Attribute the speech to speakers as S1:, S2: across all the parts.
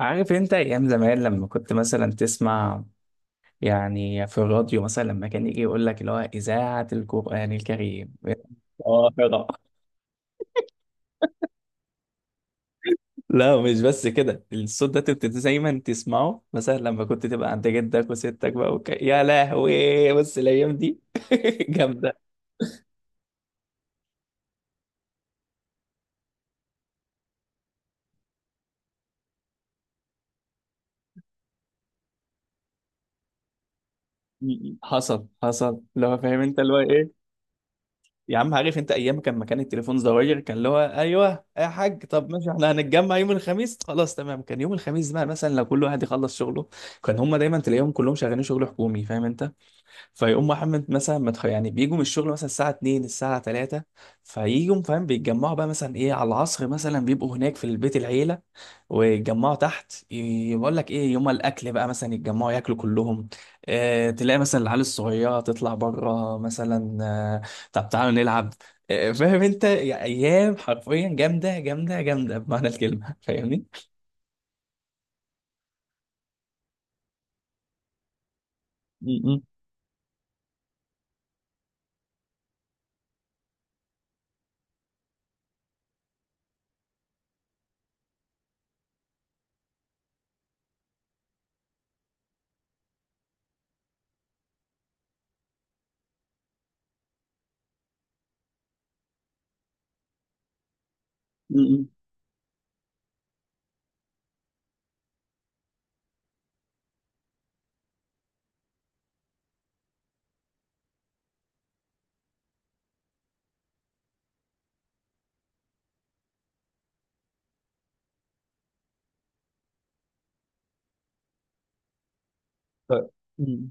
S1: عارف انت ايام زمان لما كنت مثلا تسمع، يعني في الراديو مثلا لما كان يجي يقول لك اللي هو اذاعه القران الكريم. اه يلا. لا، مش بس كده، الصوت ده كنت دايما تسمعه مثلا لما كنت تبقى عند جدك وستك بقى يا لهوي، بص الايام دي. جامده. حصل لو فاهم انت اللي هو ايه. يا عم، عارف انت ايام كان مكان التليفون زواير، كان اللي هو ايوه يا حاج، طب ماشي احنا هنتجمع يوم الخميس، خلاص تمام. كان يوم الخميس بقى مثلا لو كل واحد يخلص شغله، كان هم دايما تلاقيهم كلهم شغالين شغل حكومي، فاهم انت. فيقوم محمد مثلا يعني بيجوا من الشغل مثلا الساعة 2، الساعة 3، فيجوا فاهم، بيتجمعوا بقى مثلا ايه على العصر مثلا، بيبقوا هناك في البيت العيلة، ويتجمعوا تحت، يقول لك ايه يوم الأكل بقى مثلا يتجمعوا ياكلوا كلهم. اه تلاقي مثلا العيال الصغيرة تطلع بره مثلا، آه، طب تعالوا نلعب. آه، فاهم انت يا ايام، حرفيا جامدة جامدة جامدة بمعنى الكلمة. فاهمني؟ م- م- م- م. ف- م.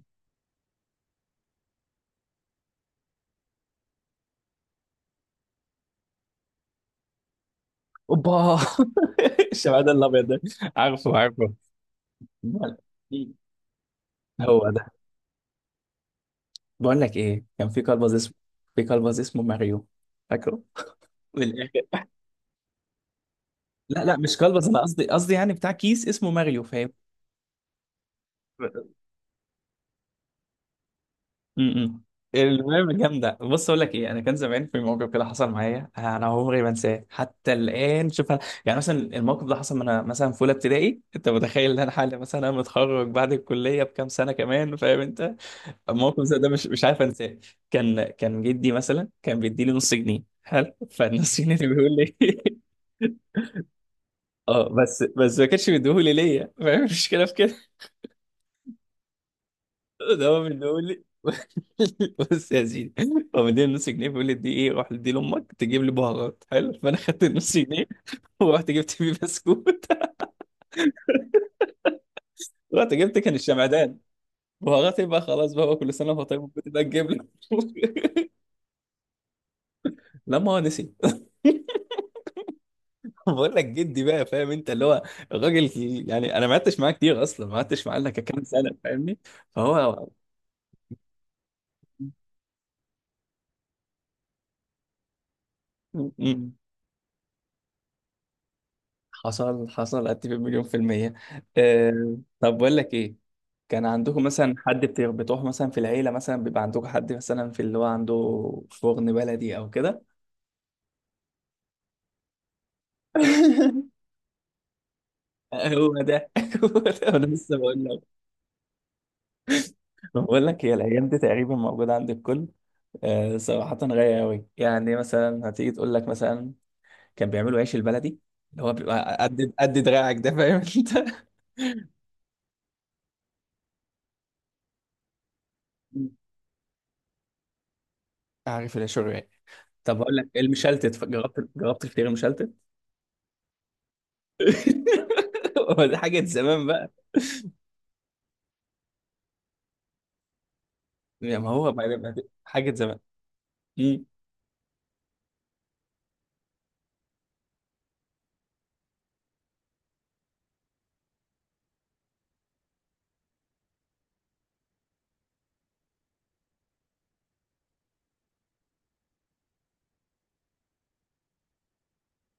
S1: اوبا. الشمعدان الابيض ده. عارفه عارفه. بقول- هو ده. بقول لك ايه، كان في كلبز اسمه، في كلبز اسمه ماريو، فاكره؟ من الاخر، لا لا مش كلبز، انا قصدي قصدي يعني بتاع كيس اسمه ماريو، فاهم؟ امم المهم جامده. بص اقول لك ايه، انا كان زمان في موقف كده حصل معايا، انا عمري ما انساه حتى الان. شوف يعني مثلا، الموقف ده حصل وانا مثلا في اولى ابتدائي، انت متخيل ان انا حالي مثلا متخرج بعد الكليه بكام سنه كمان، فاهم انت؟ الموقف زي ده مش عارف انساه. كان جدي مثلا كان بيديلي نص جنيه، حلو، فالنص جنيه اللي بيقول لي. اه، بس ما كانش بيديهولي ليا، فاهم المشكله في كده؟ ده هو بيديهولي. بص يا سيدي، هو مديني نص جنيه، بيقول لي دي ايه، روح دي لامك تجيب لي بهارات، حلو، فانا خدت النص جنيه ورحت جبت بيه بسكوت. رحت جبت كان الشمعدان. بهارات يبقى خلاص بقى، هو كل سنه وهو طيب بتبقى تجيب لي. لا، ما هو نسي. بقول لك جدي بقى، فاهم انت اللي هو الراجل، يعني انا ما قعدتش معاه كتير، اصلا ما قعدتش معاه الا كام سنه، فاهمني؟ فهو م- م- حصل حصل، اتفق مليون في المية. أه طب بقول لك ايه، كان عندكم مثلا حد بتروح مثلا في العيلة، مثلا بيبقى عندكم حد مثلا في اللي هو عنده فرن بلدي او كده؟ هو ده. هو ده، انا لسه بقول لك. بقول لك، هي الايام دي تقريبا موجودة عند الكل. أه، صراحة غاية قوي، يعني مثلا هتيجي تقول لك مثلا كان بيعملوا عيش البلدي، اللي هو بيبقى قد قد دراعك ده، فاهم انت؟ مم. عارف العيش الرقاق. طب هقول لك إيه، المشلتت، جربت جربت الفطير المشلتت؟ هو دي حاجة زمان بقى. يعني ما هو حاجة زمان. مم.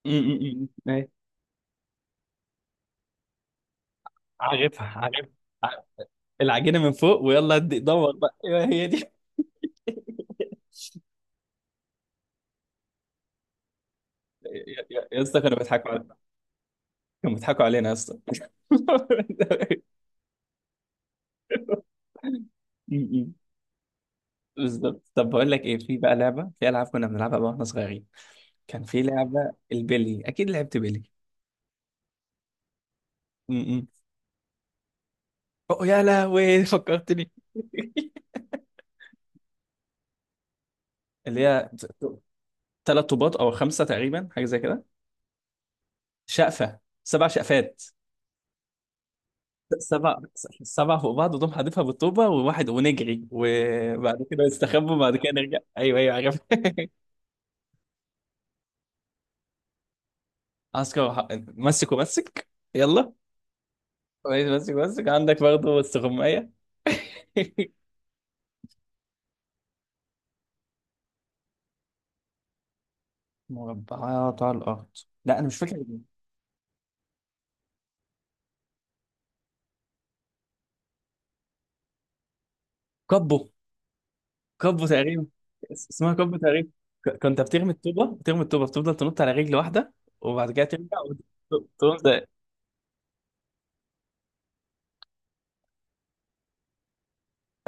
S1: مم. مم. مم. أيوة. عارفها عارفها. عارف. العجينة من فوق ويلا دور بقى، ايوه هي دي. يا اسطى كانوا بيضحكوا علينا، كانوا بيضحكوا علينا يا اسطى. مم. بالظبط. طب بقول لك ايه، في بقى لعبة، في ألعاب كنا بنلعبها بقى واحنا صغيرين، كان في لعبة البلي، أكيد لعبت بلي. م-م. أوه يا لهوي فكرتني. اللي هي ثلاث طوبات أو خمسة تقريبا، حاجة زي كده. شقفة، سبع شقفات، سبع، سبع فوق بعض وتقوم حادفها بالطوبة وواحد، ونجري وبعد كده نستخبى وبعد كده نرجع. أيوه أيوه عارف. عسكر مسك ومسك، يلا. كويس، مسك ومسك، عندك برضه استغماية. مربعات على الأرض؟ لا أنا مش فاكر. كبه، كبو تقريبا. اسمها كبو تقريبا. كنت بترمي الطوبه، بترمي الطوبه بتفضل تنط على رجل واحده، وبعد كده ترجع تقوم ده.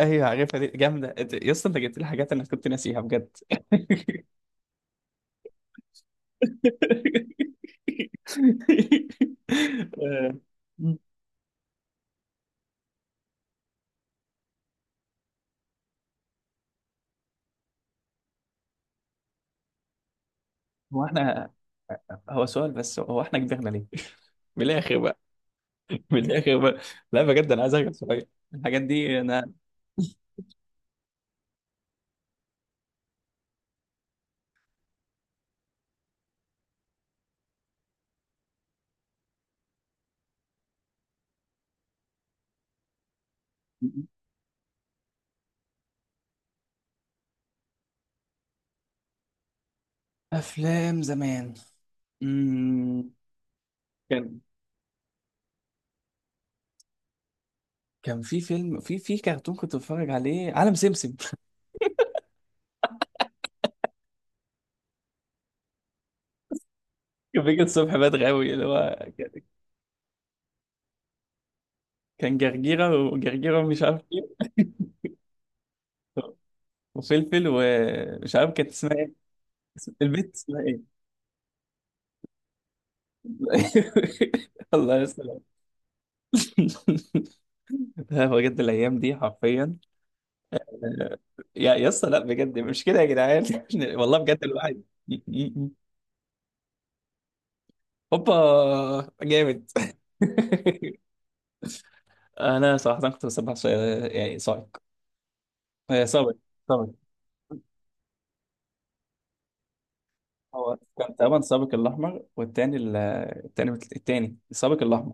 S1: ايوه عارفها دي جامده، يا اسطى انت جبت لي حاجات انا كنت ناسيها بجد. آه، هو احنا، هو سؤال بس، هو احنا كبرنا ليه؟ من الاخر بقى. من الاخر بقى، لا بجد انا عايز ارجع شويه الحاجات دي. انا افلام زمان، امم كان في فيلم، في كرتون كنت بتفرج عليه، عالم سمسم. كان بيجي الصبح بدري قوي اللي هو، كان جرجيرة وجرجيرة مش عارف ايه. وفلفل، ومش عارف كانت اسمها ايه، البت اسمها ايه. الله يسلم. هو بجد الايام دي حرفيا، يا اسطى، لا بجد مش كده يا جدعان. والله بجد الواحد. هوبا جامد. انا صراحه كنت بسبح يعني صايق، آه، صابر. هو كان تقريبا السابق الأحمر، والتاني التاني السابق الأحمر.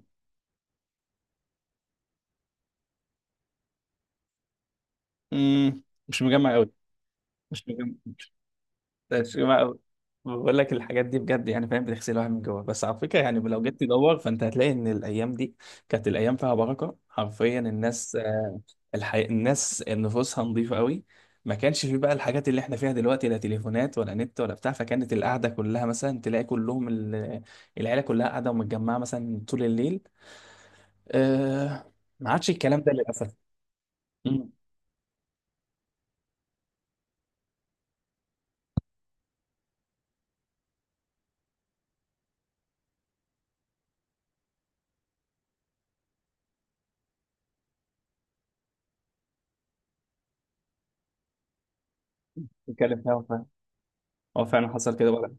S1: امم مش مجمع أوي، مش مجمع، مش مجمع أوي. بقول لك الحاجات دي بجد يعني فاهم، بتغسل الواحد من جوه. بس على فكرة، يعني لو جيت تدور فأنت هتلاقي إن الأيام دي كانت الأيام فيها بركة حرفيا. الناس، آه، الناس نفوسها نظيفة أوي. ما كانش في بقى الحاجات اللي احنا فيها دلوقتي، لا تليفونات ولا نت ولا بتاع، فكانت القعدة كلها مثلا تلاقي كلهم العيلة كلها قاعدة ومتجمعة مثلا طول الليل. آه، ما عادش الكلام ده للاسف. امم نتكلم فيها. هو فعلا، هو فعلا حصل كده ولا؟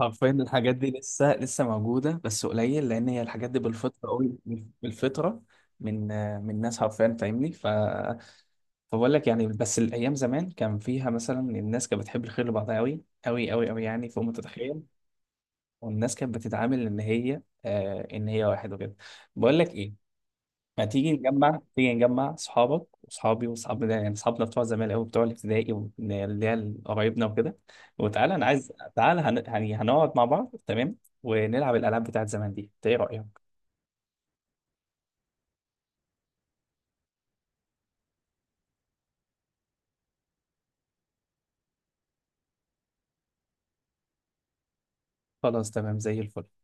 S1: حرفيا الحاجات دي لسه موجوده بس قليل، لان هي الحاجات دي بالفطره قوي. بالفطره، من آه، من ناس حرفيا فاهمني، فبقول لك يعني، بس الايام زمان كان فيها مثلا الناس كانت بتحب الخير لبعضها قوي قوي قوي قوي، يعني فوق ما تتخيل. والناس كانت بتتعامل ان هي، آه، ان هي واحد وكده. بقول لك ايه، ما تيجي نجمع، تيجي نجمع صحابك وصحابي وصحابنا، ده يعني صحابنا بتوع زمان قوي، بتوع الابتدائي واللي هي قرايبنا وكده، وتعالى انا عايز، تعالى يعني هنقعد مع بعض، تمام؟ ونلعب الالعاب بتاعت زمان دي، انت ايه رايك؟ خلاص تمام زي الفل.